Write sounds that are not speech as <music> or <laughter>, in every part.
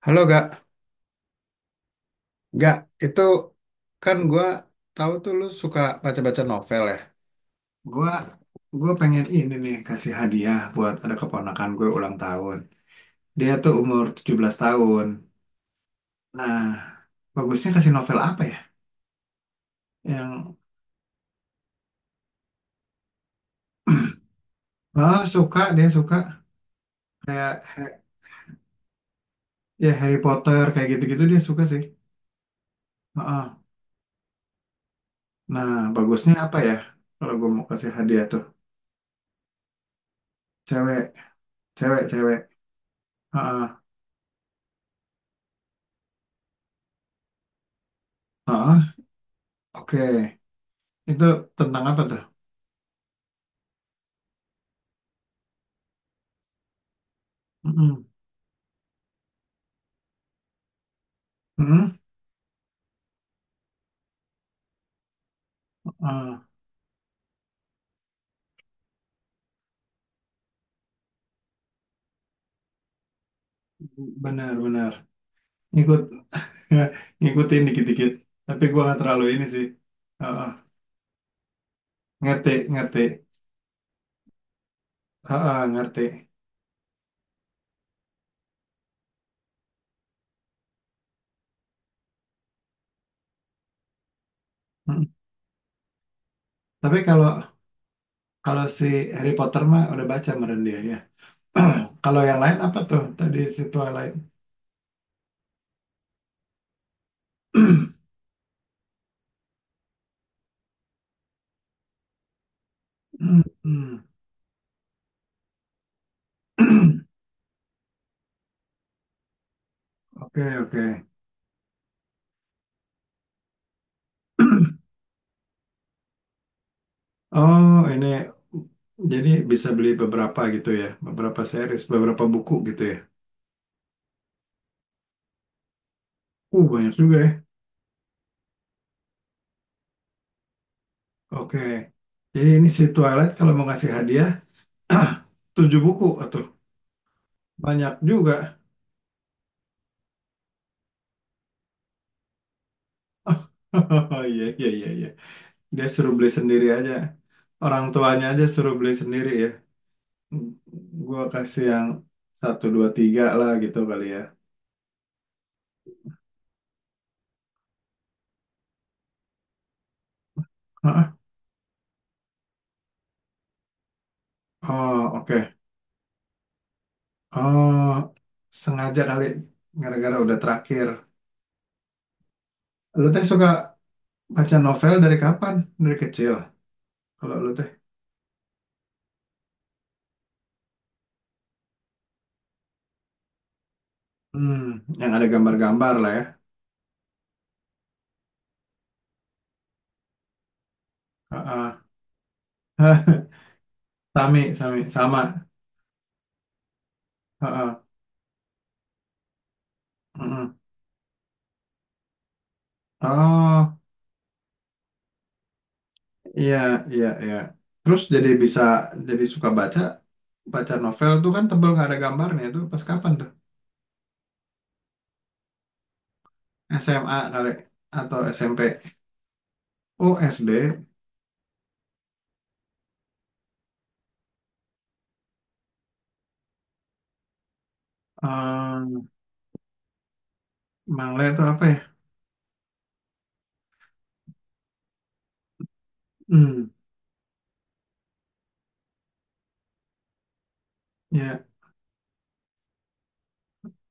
Halo, Gak. Gak, itu kan gua tahu tuh lu suka baca-baca novel ya. Gua gua pengen ini nih kasih hadiah buat ada keponakan gue ulang tahun. Dia tuh umur 17 tahun. Nah, bagusnya kasih novel apa ya? Yang oh, suka, dia suka kayak ya Harry Potter kayak gitu-gitu dia suka sih. Heeh. Nah, bagusnya apa ya? Kalau gue mau kasih hadiah tuh cewek, cewek, cewek. Heeh. Heeh. Oke, itu tentang apa tuh? Mm-mm. Mm-mm. Ah, benar, benar. Ngikut, <laughs> ngikutin dikit-dikit. Tapi gua nggak terlalu ini sih. Ah, ah. Ngerti, ngerti. Ah, ah, ngerti. Mm. Tapi kalau kalau si Harry Potter mah udah baca meren dia ya. <clears throat> Kalau yang lain apa tuh? Tadi si Twilight. <clears throat> Mm. <clears throat> Oke, oke. <clears throat> Oh, ini jadi bisa beli beberapa gitu ya, beberapa series, beberapa buku gitu ya. Banyak juga ya. Oke. Jadi ini si Twilight kalau mau ngasih hadiah <clears throat> tujuh buku atau banyak juga. <laughs> Oh, iya, iya, iya, iya. Dia suruh beli sendiri aja. Orang tuanya aja suruh beli sendiri ya. Gua kasih yang satu dua tiga lah gitu kali ya. Ah, oh, oke. Oh, sengaja kali gara-gara udah terakhir. Lu teh suka baca novel dari kapan? Dari kecil. Kalau lu teh, hmm, yang ada gambar-gambar lah ya. Ah, ah. <laughs> Sami, sami, sama. Heeh, heeh. Oh, iya, iya, iya. Terus jadi bisa jadi suka baca novel tuh kan tebel nggak ada gambarnya tuh pas kapan tuh? SMA kali atau SMP? Oh, SD. Ehm, Mangle itu apa ya? Hmm, ya.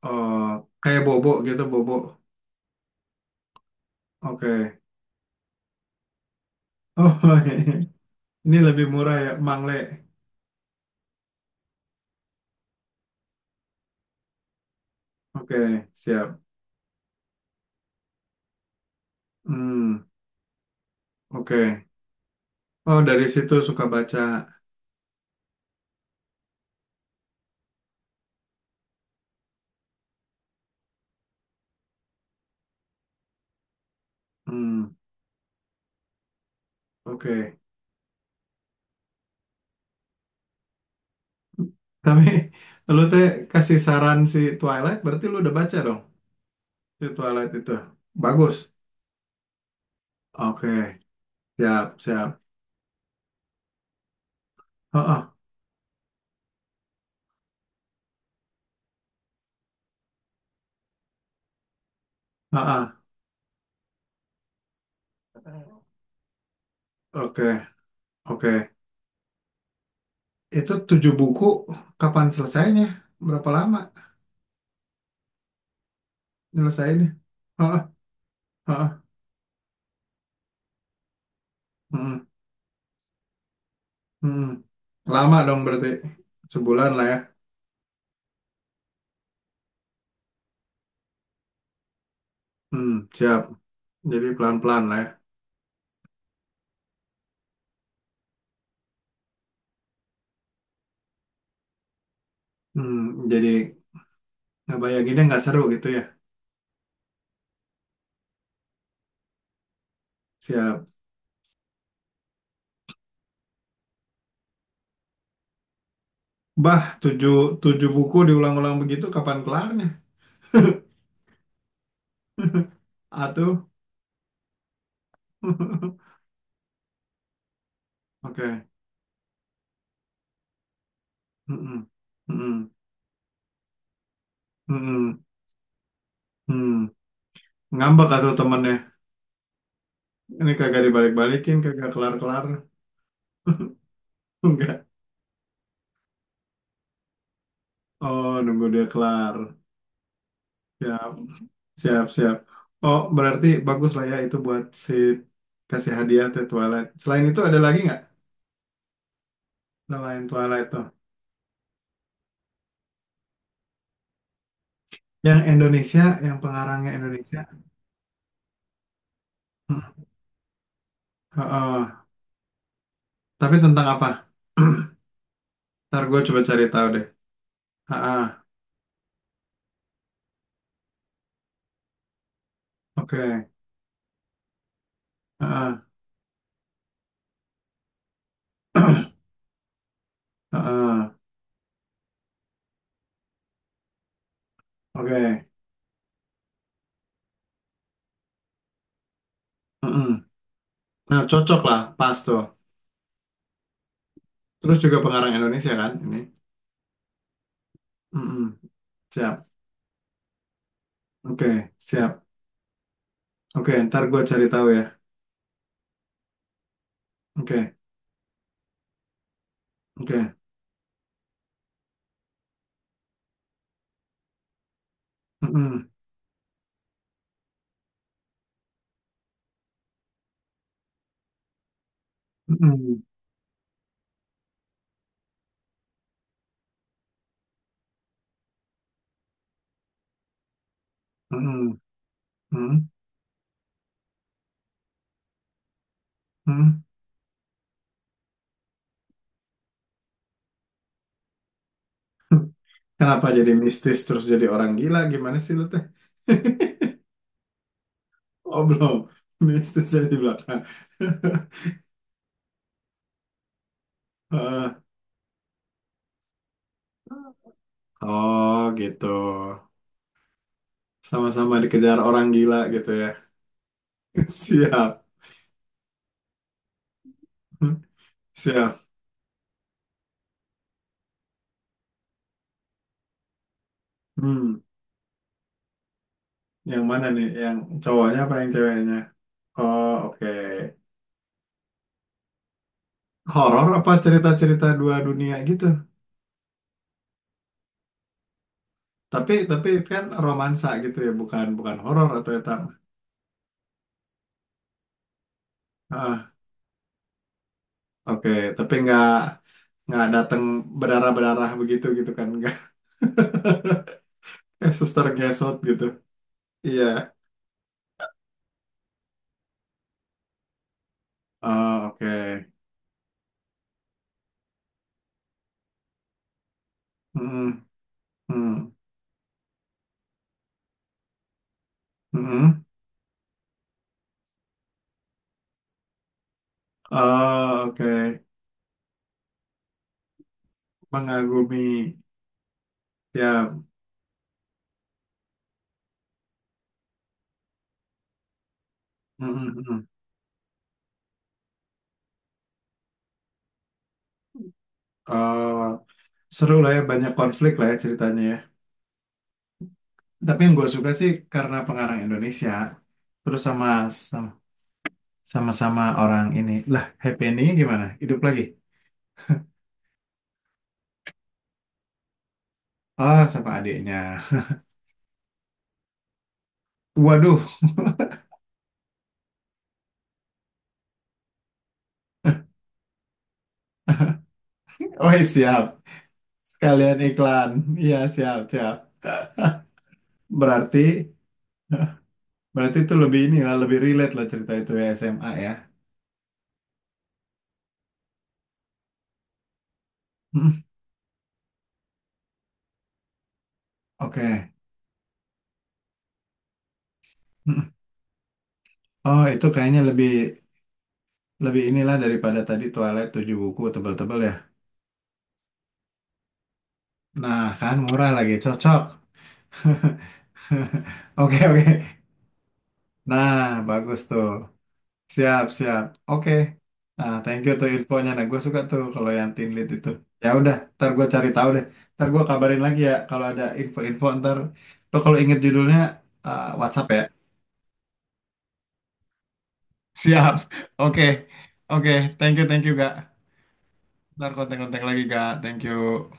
Oh, kayak bobo gitu, bobo. Oke. Oh, <laughs> ini lebih murah ya, Mangle. Oke, siap. Hmm, oke. Oh, dari situ suka baca. Hmm, oke. Tapi lu teh kasih saran si Twilight, berarti lu udah baca dong si Twilight itu. Bagus. Oke, siap, siap. Heeh, heeh. Oke, oke. Itu tujuh buku, kapan selesainya? Berapa lama nyelesainnya? Heeh, heeh. Mm, mm. Lama dong berarti. Sebulan lah ya. Hmm, siap. Jadi pelan-pelan lah ya. Hmm, jadi ngebayanginnya nggak seru gitu ya. Siap. Bah, tujuh buku diulang-ulang begitu, kapan kelarnya? Atuh. <laughs> Oke. Mm-mm. Mm-mm. Mm-mm. Mm. Ngambek atau temennya. Ini kagak dibalik-balikin, kagak kelar-kelar. <laughs> Enggak. Oh, nunggu dia kelar. Siap, siap, siap. Oh, berarti bagus lah ya itu buat si kasih hadiah The Twilight. Selain itu ada lagi nggak? Selain Twilight tuh. Yang Indonesia, yang pengarangnya Indonesia. Hmm. Heeh. Tapi tentang apa? <clears throat> Ntar gue coba cari tahu deh. Ah, ah. Oke. Heeh. <clears throat> Heeh, oke. Heeh. Nah, cocok lah, pas tuh. Terus juga pengarang Indonesia kan ini. Heeh. Siap. Oke, siap. Oke, ntar gue cari tahu ya. Oke, oke. Heeh. Heeh. Heeh. Heeh. Heeh. <laughs> Kenapa jadi mistis terus jadi orang gila? Gimana sih lu teh? <laughs> Oh, belum. Mistis dari di belakang. <laughs> Heeh. Oh, gitu. Sama-sama dikejar orang gila gitu ya. <laughs> Siap. Siap. Hmm. Yang mana nih? Yang cowoknya apa yang ceweknya? Oh, oke. Horor apa cerita-cerita dua dunia gitu? Tapi kan romansa gitu ya, bukan bukan horor atau eta. Ah, oke. Tapi nggak datang berdarah-berdarah begitu gitu kan? Nggak <laughs> kayak suster gesot gitu. Iya. Oh, oke. Mm-mm. Hmm. Hmm. Mm. Oh, oke. Mengagumi. Ya. Mm-mm. Oh, seru lah ya, banyak konflik lah ya ceritanya, ya. Tapi yang gue suka sih karena pengarang Indonesia, terus sama sama sama orang ini. Lah, happy endingnya gimana? Hidup lagi? Oh, sama adiknya. <laughs> Waduh, oh, iya, siap. Sekalian iklan. Iya, siap, siap. Berarti, berarti, itu lebih ini lah, lebih relate lah cerita itu ya SMA ya. Hmm, oke. Hmm. Oh, itu kayaknya lebih lebih inilah daripada tadi Twilight 7 buku tebal-tebal ya. Nah, kan murah lagi, cocok. <laughs> Oke, oke. Nah, bagus tuh. Siap, siap. Oke. Nah, thank you tuh infonya. Nah, gue suka tuh kalau yang team lead itu. Ya udah, ntar gue cari tahu deh. Ntar gue kabarin lagi ya kalau ada info-info. Ntar lo kalau inget judulnya WhatsApp ya. <laughs> Siap. Oke. Oke. Thank you, Gak. Ntar kontak-kontak lagi, Gak. Thank you.